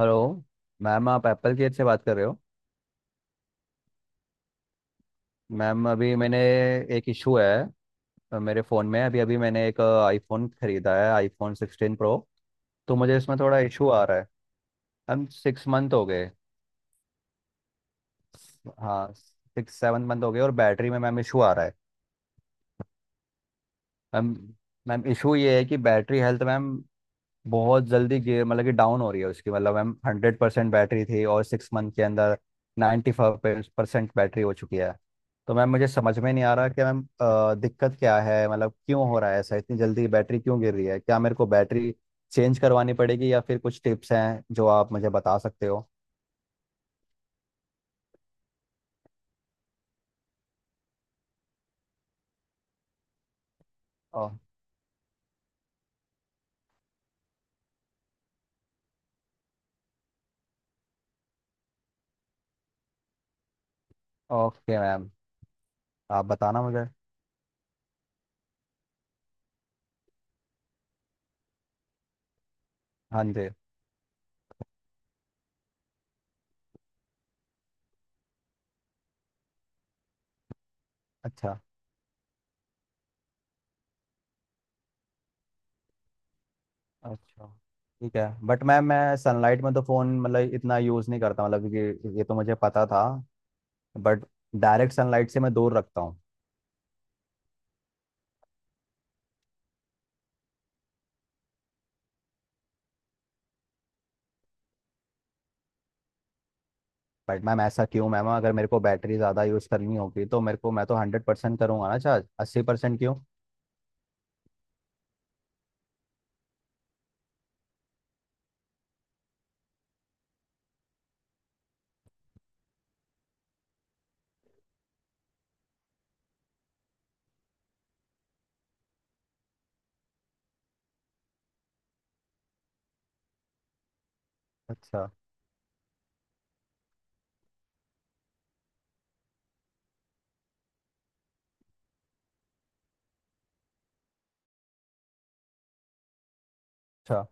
Hello. Ma'am, आप Apple Care से बात कर रहे हो। मैम अभी मैंने एक इशू है। मेरे फ़ोन में, अभी अभी मैंने एक आईफोन खरीदा है, आईफोन 16 प्रो। तो मुझे इसमें थोड़ा इशू आ रहा है। मैम 6 मंथ हो गए। हाँ, 6-7 मंथ हो गए, और बैटरी में मैम इशू आ रहा है। मैम, इशू ये है कि बैटरी हेल्थ, मैम, बहुत जल्दी गिर मतलब कि डाउन हो रही है उसकी। मतलब मैम 100% बैटरी थी, और 6 मंथ के अंदर 95% बैटरी हो चुकी है। तो मैम मुझे समझ में नहीं आ रहा कि मैम दिक्कत क्या है, मतलब क्यों हो रहा है ऐसा, इतनी जल्दी बैटरी क्यों गिर रही है। क्या मेरे को बैटरी चेंज करवानी पड़ेगी, या फिर कुछ टिप्स हैं जो आप मुझे बता सकते हो? ओ, ओके मैम, आप बताना मुझे। हाँ जी। अच्छा। अच्छा। ठीक है, बट मैम मैं सनलाइट में तो फ़ोन मतलब इतना यूज़ नहीं करता, मतलब कि ये तो मुझे पता था। बट डायरेक्ट सनलाइट से मैं दूर रखता हूँ। बट मैम ऐसा क्यों? मैम अगर मेरे को बैटरी ज़्यादा यूज़ करनी होगी तो मेरे को, मैं तो 100% करूँगा ना चार्ज, 80% क्यों? अच्छा। अच्छा।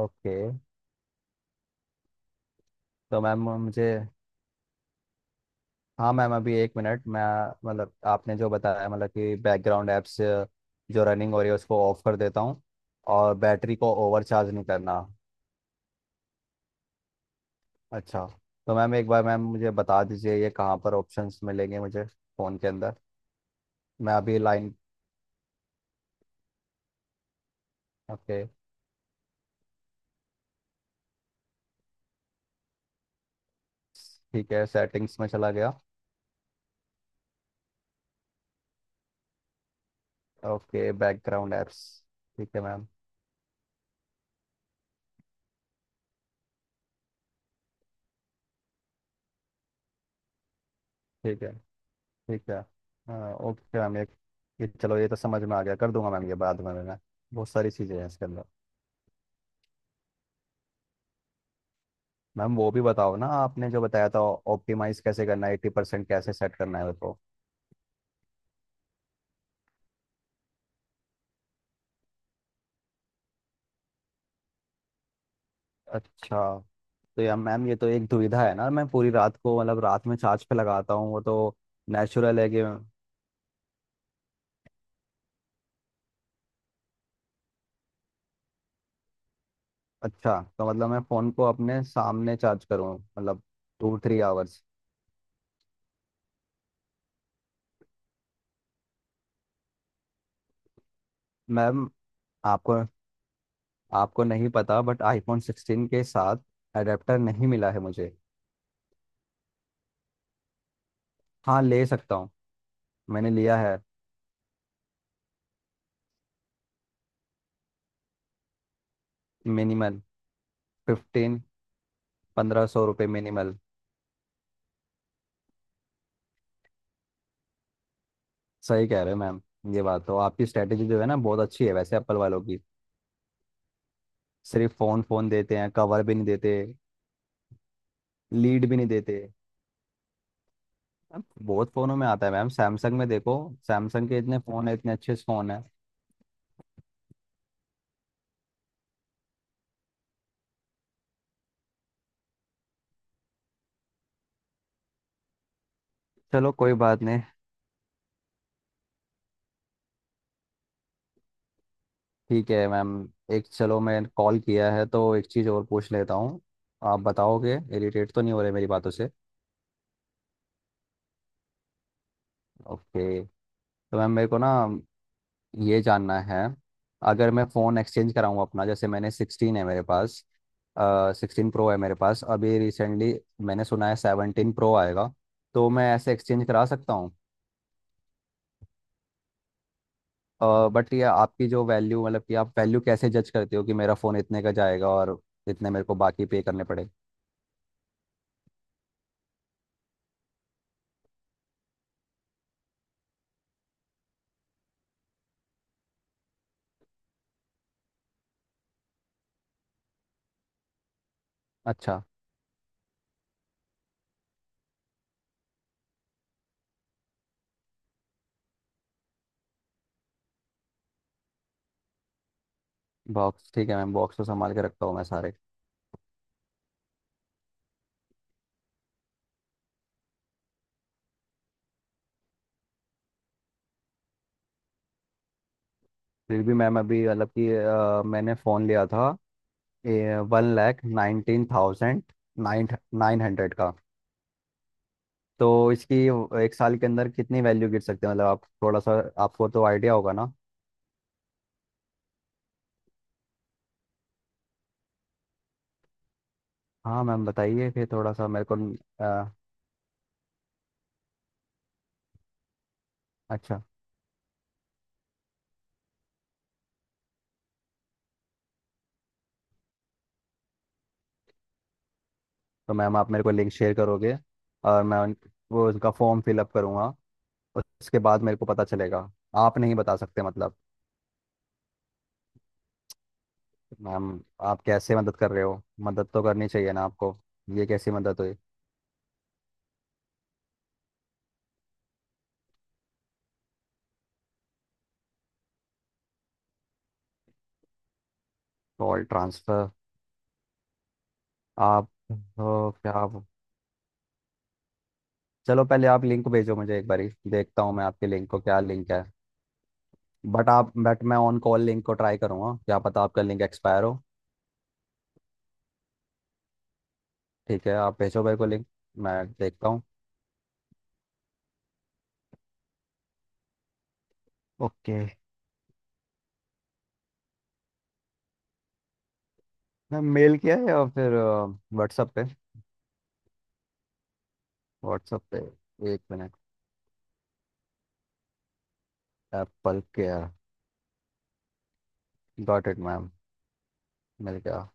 ओके, तो मैम मुझे, हाँ मैम अभी एक मिनट मैं, मतलब आपने जो बताया, मतलब कि बैकग्राउंड ऐप्स जो रनिंग हो रही है उसको ऑफ कर देता हूँ, और बैटरी को ओवर चार्ज नहीं करना। अच्छा, तो मैम एक बार मैम मुझे बता दीजिए, ये कहाँ पर ऑप्शंस मिलेंगे मुझे फ़ोन के अंदर? मैं अभी लाइन। ओके। ठीक है, सेटिंग्स में चला गया। Okay, background apps. ठीक है मैम। ठीक है। ठीक है। हाँ ओके मैम, ये चलो, ये तो समझ में आ गया, कर दूंगा मैम ये बाद में मैं। बहुत सारी चीज़ें हैं इसके अंदर। मैम वो भी बताओ ना, आपने जो बताया था ऑप्टिमाइज कैसे करना है, 80% कैसे सेट करना है, वो तो। अच्छा। तो यार मैम, ये तो एक दुविधा है ना, मैं पूरी रात को, मतलब रात में चार्ज पे लगाता हूँ, वो तो नेचुरल है कि। अच्छा, तो मतलब मैं फ़ोन को अपने सामने चार्ज करूँ, मतलब 2-3 आवर्स। मैम आपको, आपको नहीं पता बट आईफोन 16 के साथ अडेप्टर नहीं मिला है मुझे। हाँ ले सकता हूँ। मैंने लिया है। मिनिमल? 15? ₹1500 मिनिमल? सही कह रहे हो मैम। ये बात तो, आपकी स्ट्रेटेजी जो है ना बहुत अच्छी है वैसे एप्पल वालों की। सिर्फ फ़ोन, फ़ोन देते हैं, कवर भी नहीं देते, लीड भी नहीं देते। अब बहुत फ़ोनों में आता है मैम, सैमसंग में देखो, सैमसंग के इतने फ़ोन है, इतने अच्छे फ़ोन है। चलो कोई बात नहीं। ठीक है मैम। एक, चलो मैं कॉल किया है तो एक चीज़ और पूछ लेता हूँ। आप बताओगे, इरिटेट तो नहीं हो रहे मेरी बातों से? ओके। तो मैम मेरे को ना ये जानना है, अगर मैं फ़ोन एक्सचेंज कराऊँ अपना, जैसे मैंने 16 है मेरे पास, 16 प्रो है मेरे पास अभी, रिसेंटली मैंने सुना है 17 प्रो आएगा, तो मैं ऐसे एक्सचेंज करा सकता हूँ? बट ये, आपकी जो वैल्यू, मतलब कि आप वैल्यू कैसे जज करते हो कि मेरा फ़ोन इतने का जाएगा और इतने मेरे को बाकी पे करने पड़े? अच्छा। बॉक्स, ठीक है मैम, बॉक्स तो संभाल के रखता हूँ मैं सारे। फिर भी मैम, अभी मतलब कि मैंने फ़ोन लिया था one lakh nineteen thousand nine nine hundred का। तो इसकी एक साल के अंदर कितनी वैल्यू गिर सकती है, मतलब आप थोड़ा सा, आपको तो आइडिया होगा ना। हाँ मैम बताइए, फिर थोड़ा सा मेरे को। अ, अच्छा, तो मैम आप मेरे को लिंक शेयर करोगे, और वो उसका फॉर्म फिलअप करूँगा, उसके बाद मेरे को पता चलेगा। आप नहीं बता सकते मतलब? मैम आप कैसे मदद कर रहे हो, मदद तो करनी चाहिए ना आपको, ये कैसी मदद हुई? Call transfer? आप, तो क्या आप, चलो पहले आप लिंक भेजो मुझे, एक बारी देखता हूँ मैं आपके लिंक को, क्या लिंक है। बट मैं ऑन कॉल लिंक को ट्राई करूँगा, क्या पता आपका लिंक एक्सपायर हो। ठीक है, आप भेजो मेरे को लिंक, मैं देखता हूँ। ओके। मैम मेल किया है या फिर व्हाट्सअप पे? व्हाट्सअप पे। एक minute. Apple Care. Got it ma'am, मिल गया।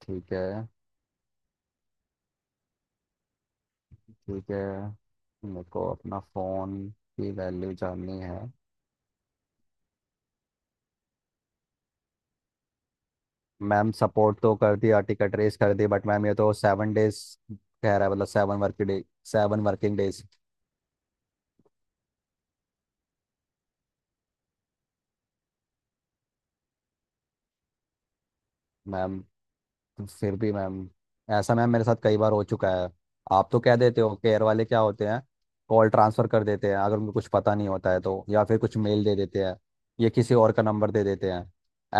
ठीक है। ठीक है, मेरे को अपना फोन की वैल्यू जाननी है। मैम सपोर्ट तो कर दिया, टिकट रेस कर दी, बट मैम ये तो 7 डेज कह रहा है, मतलब 7 working day, 7 working days. Ma'am फिर भी मैम ऐसा मैम मेरे साथ कई बार हो चुका है। आप तो कह देते हो, केयर वाले क्या होते हैं, कॉल ट्रांसफर कर देते हैं, अगर उनको कुछ पता नहीं होता है तो, या फिर कुछ मेल दे देते हैं, या किसी और का नंबर दे देते हैं।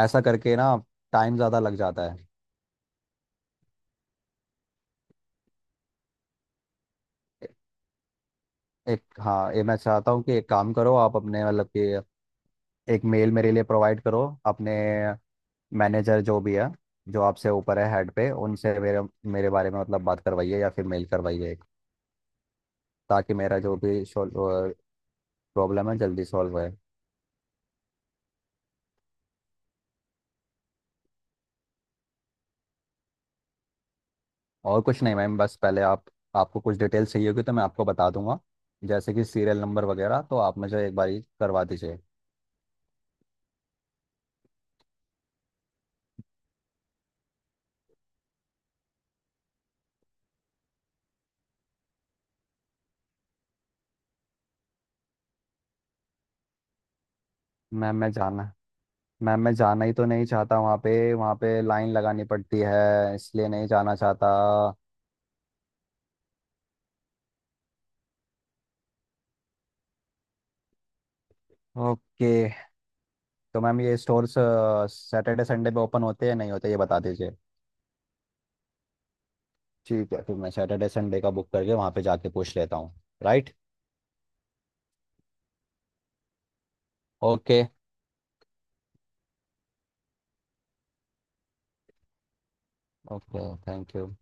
ऐसा करके ना टाइम ज़्यादा लग जाता है। एक, हाँ ये मैं चाहता हूँ कि एक काम करो आप, अपने मतलब कि एक मेल मेरे लिए प्रोवाइड करो अपने मैनेजर जो भी है, जो आपसे ऊपर है हेड पे, उनसे मेरे मेरे बारे में मतलब बात करवाइए या फिर मेल करवाइए एक, ताकि मेरा जो भी प्रॉब्लम है जल्दी सॉल्व हो। और कुछ नहीं मैम, बस पहले आप, आपको कुछ डिटेल चाहिए होगी तो मैं आपको बता दूंगा, जैसे कि सीरियल नंबर वगैरह, तो आप मुझे एक बारी करवा दीजिए। मैम मैं जाना मैम मैं जाना ही तो नहीं चाहता, वहाँ पे, वहाँ पे लाइन लगानी पड़ती है, इसलिए नहीं जाना चाहता। ओके, तो मैम ये स्टोर्स सैटरडे संडे पे ओपन होते हैं नहीं होते, ये बता दीजिए। ठीक है, फिर मैं सैटरडे संडे का बुक करके वहाँ पे जाके पूछ लेता हूँ। Right. Okay. Okay, thank you.